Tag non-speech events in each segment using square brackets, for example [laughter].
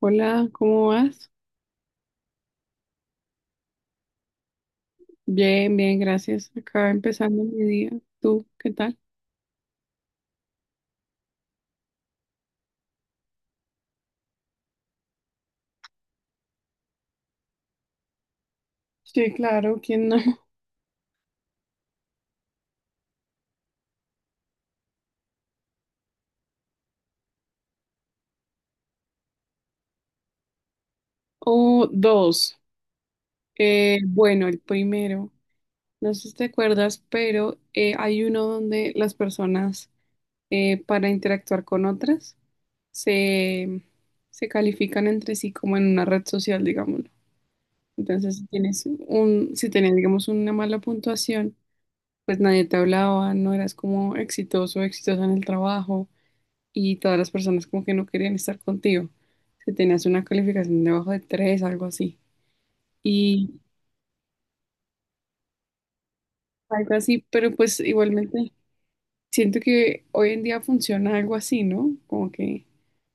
Hola, ¿cómo vas? Bien, bien, gracias. Acá empezando mi día. ¿Tú qué tal? Sí, claro, ¿quién no? [laughs] O dos. Bueno, el primero, no sé si te acuerdas, pero hay uno donde las personas para interactuar con otras se, se califican entre sí como en una red social, digámoslo. Entonces, si tienes un, si tenías, digamos, una mala puntuación, pues nadie te hablaba, no eras como exitoso, exitosa en el trabajo y todas las personas como que no querían estar contigo. Si tenías una calificación debajo de 3 algo así. Y algo así, pero pues igualmente siento que hoy en día funciona algo así, ¿no? Como que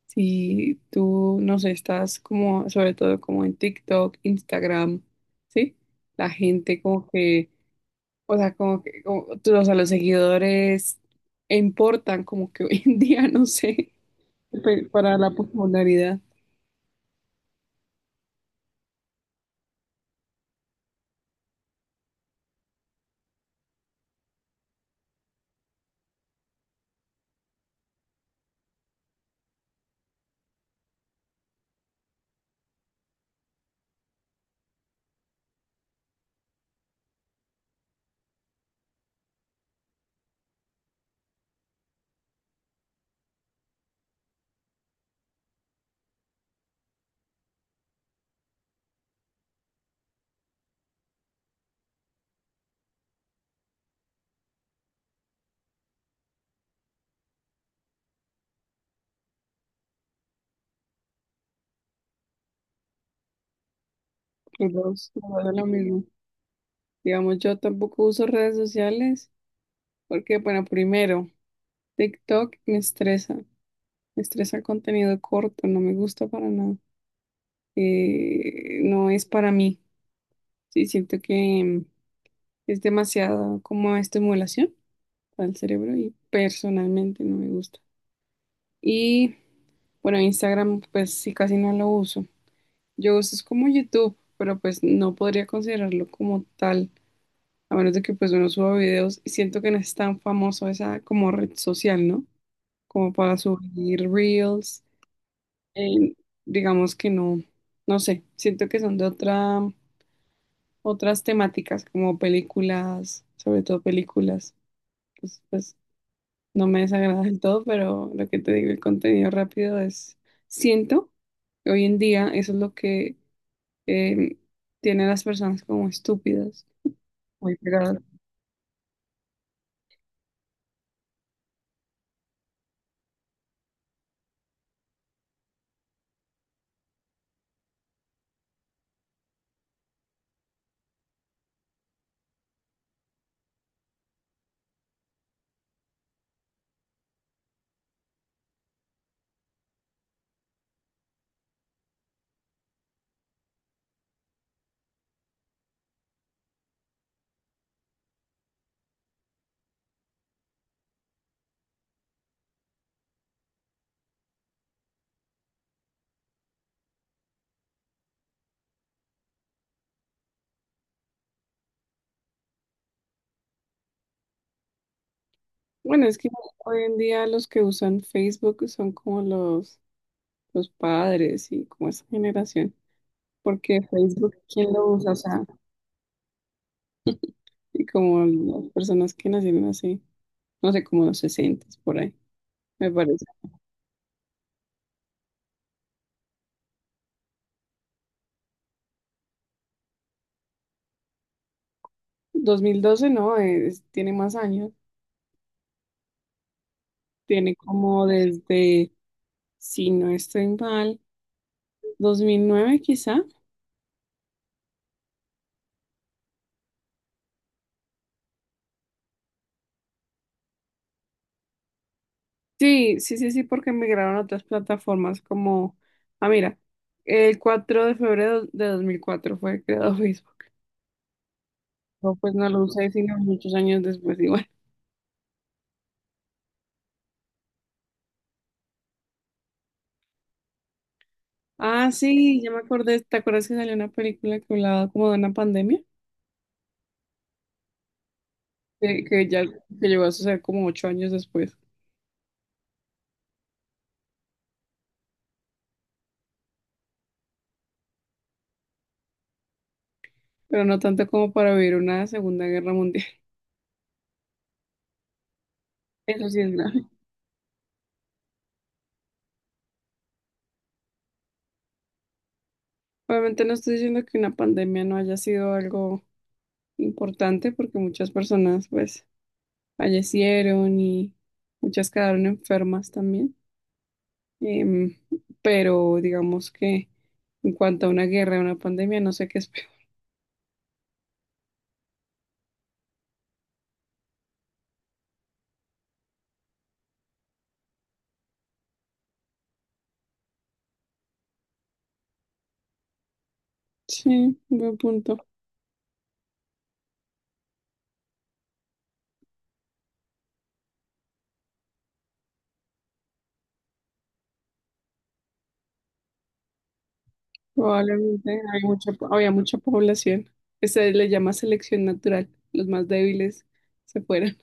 si tú, no sé, estás como, sobre todo como en TikTok, Instagram, ¿sí? La gente como que, o sea, como que, como- tú- o sea, los seguidores importan como que [laughs] hoy en día, no sé, pe- para la popularidad. Los dos son lo mismo. Digamos, yo tampoco uso redes sociales porque, bueno, primero, TikTok me estresa el contenido corto, no me gusta para nada, no es para mí, sí, siento que es demasiado como estimulación para el cerebro y personalmente no me gusta. Y, bueno, Instagram, pues sí, casi no lo uso. Yo uso es como YouTube, pero pues no podría considerarlo como tal, a menos de que pues uno suba videos y siento que no es tan famoso esa como red social, ¿no? Como para subir reels. eh, digamos que no, no sé, siento que son de otra, otras temáticas, como películas, sobre todo películas. Pues, pues no me desagrada del todo, pero lo que te digo, el contenido rápido es, siento que hoy en día eso es lo que eh, tiene a las personas como estúpidas, muy pegadas. Bueno, es que hoy en día los que usan Facebook son como los padres y como esa generación. Porque Facebook, ¿quién lo usa? O sea, y como las personas que nacieron así, no sé, como los 60 por ahí, me parece. 2012 no, es- tiene más años, tiene como desde, si no estoy mal, 2009 quizá. Sí, sí, sí, sí, porque migraron a otras plataformas como, ah, mira, el 4 de febrero de 2004 fue creado [laughs] Facebook. No, pues no lo usé sino muchos años después, igual. Ah, sí, ya me acordé. ¿Te acuerdas que salió una película que hablaba como de una pandemia? Que ya que llegó a suceder como 8 años después, pero no tanto como para vivir una Segunda Guerra Mundial. [laughs] Eso sí es grave. Obviamente no estoy diciendo que una pandemia no haya sido algo importante, porque muchas personas pues fallecieron y muchas quedaron enfermas también. Em, pero digamos que en cuanto a una guerra, una pandemia, no sé qué es peor. [laughs] Sí, buen punto. Probablemente hay mucha, había mucha población. Que se le llama selección natural. Los más débiles se fueron.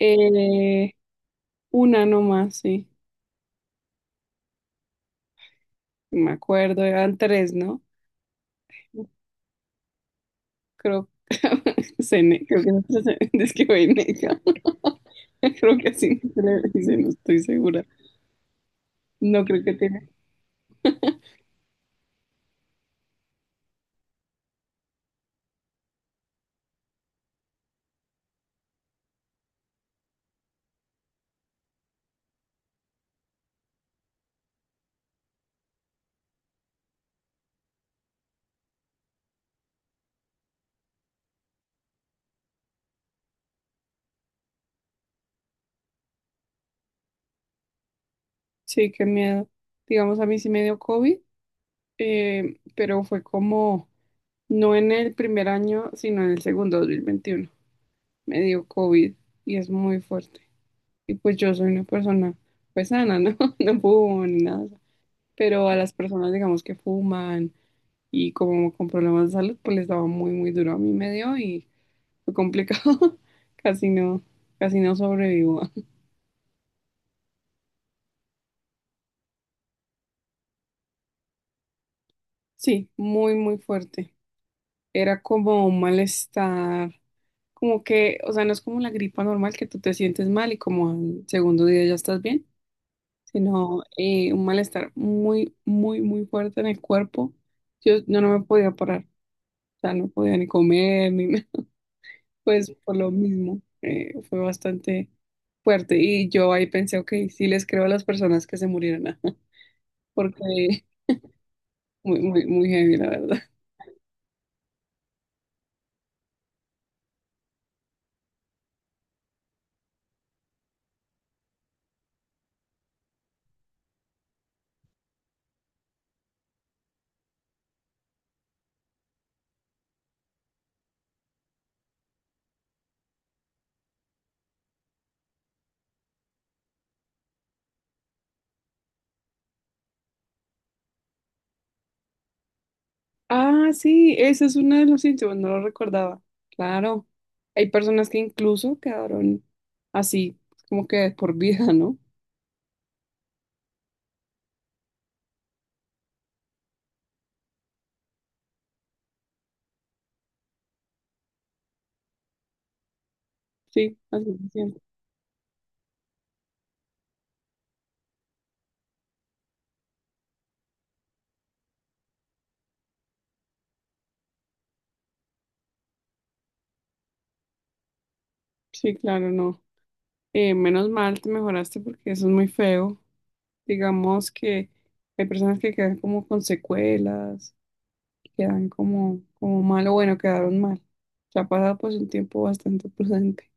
Eh, una nomás, sí. Me acuerdo, eran tres, ¿no? Creo, [laughs] cené, creo que nosotros [laughs] es que voy negra. [laughs] Creo que así no se le dice, no estoy segura. No creo que tiene. Sí, qué miedo. Digamos, a mí sí me dio COVID, pero fue como, no en el primer año, sino en el segundo, 2021 me dio COVID y es muy fuerte. Y pues yo soy una persona pues sana, ¿no? [laughs] No fumo ni nada. Pero a las personas, digamos, que fuman y como con problemas de salud, pues les daba muy, muy duro. A mí me dio y fue complicado. [laughs] Casi no, casi no sobrevivo. [laughs] Sí, muy, muy fuerte. Era como un malestar, como que, o sea, no es como la gripa normal que tú te sientes mal y como al segundo día ya estás bien, sino un malestar muy, muy, muy fuerte en el cuerpo. Yo no me podía parar, o sea, no podía ni comer, ni nada, [laughs] pues por lo mismo, fue bastante fuerte. Y yo ahí pensé, ok, sí les creo a las personas que se murieron, [laughs] ajá, porque muy, muy, muy heavy, la verdad. [laughs] Ah, sí, ese es uno de los síntomas, no lo recordaba. Claro, hay personas que incluso quedaron así, como que por vida, ¿no? Sí, así se siente. Sí, claro, no. Menos mal te mejoraste porque eso es muy feo. Digamos que hay personas que quedan como con secuelas, que quedan como, como mal o bueno, quedaron mal. Ya ha pasado pues un tiempo bastante [laughs] prudente.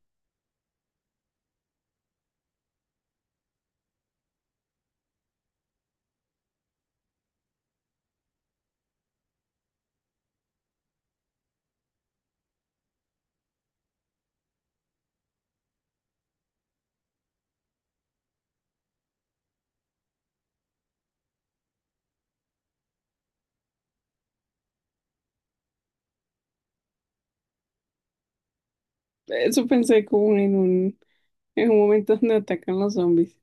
Eso pensé como en un momento donde atacan los zombies.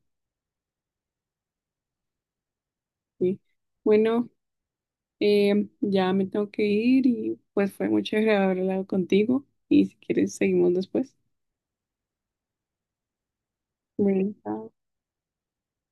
Sí. Bueno, ya me tengo que ir y pues fue muy chévere haber hablado contigo y si quieres seguimos después. Bueno, chao.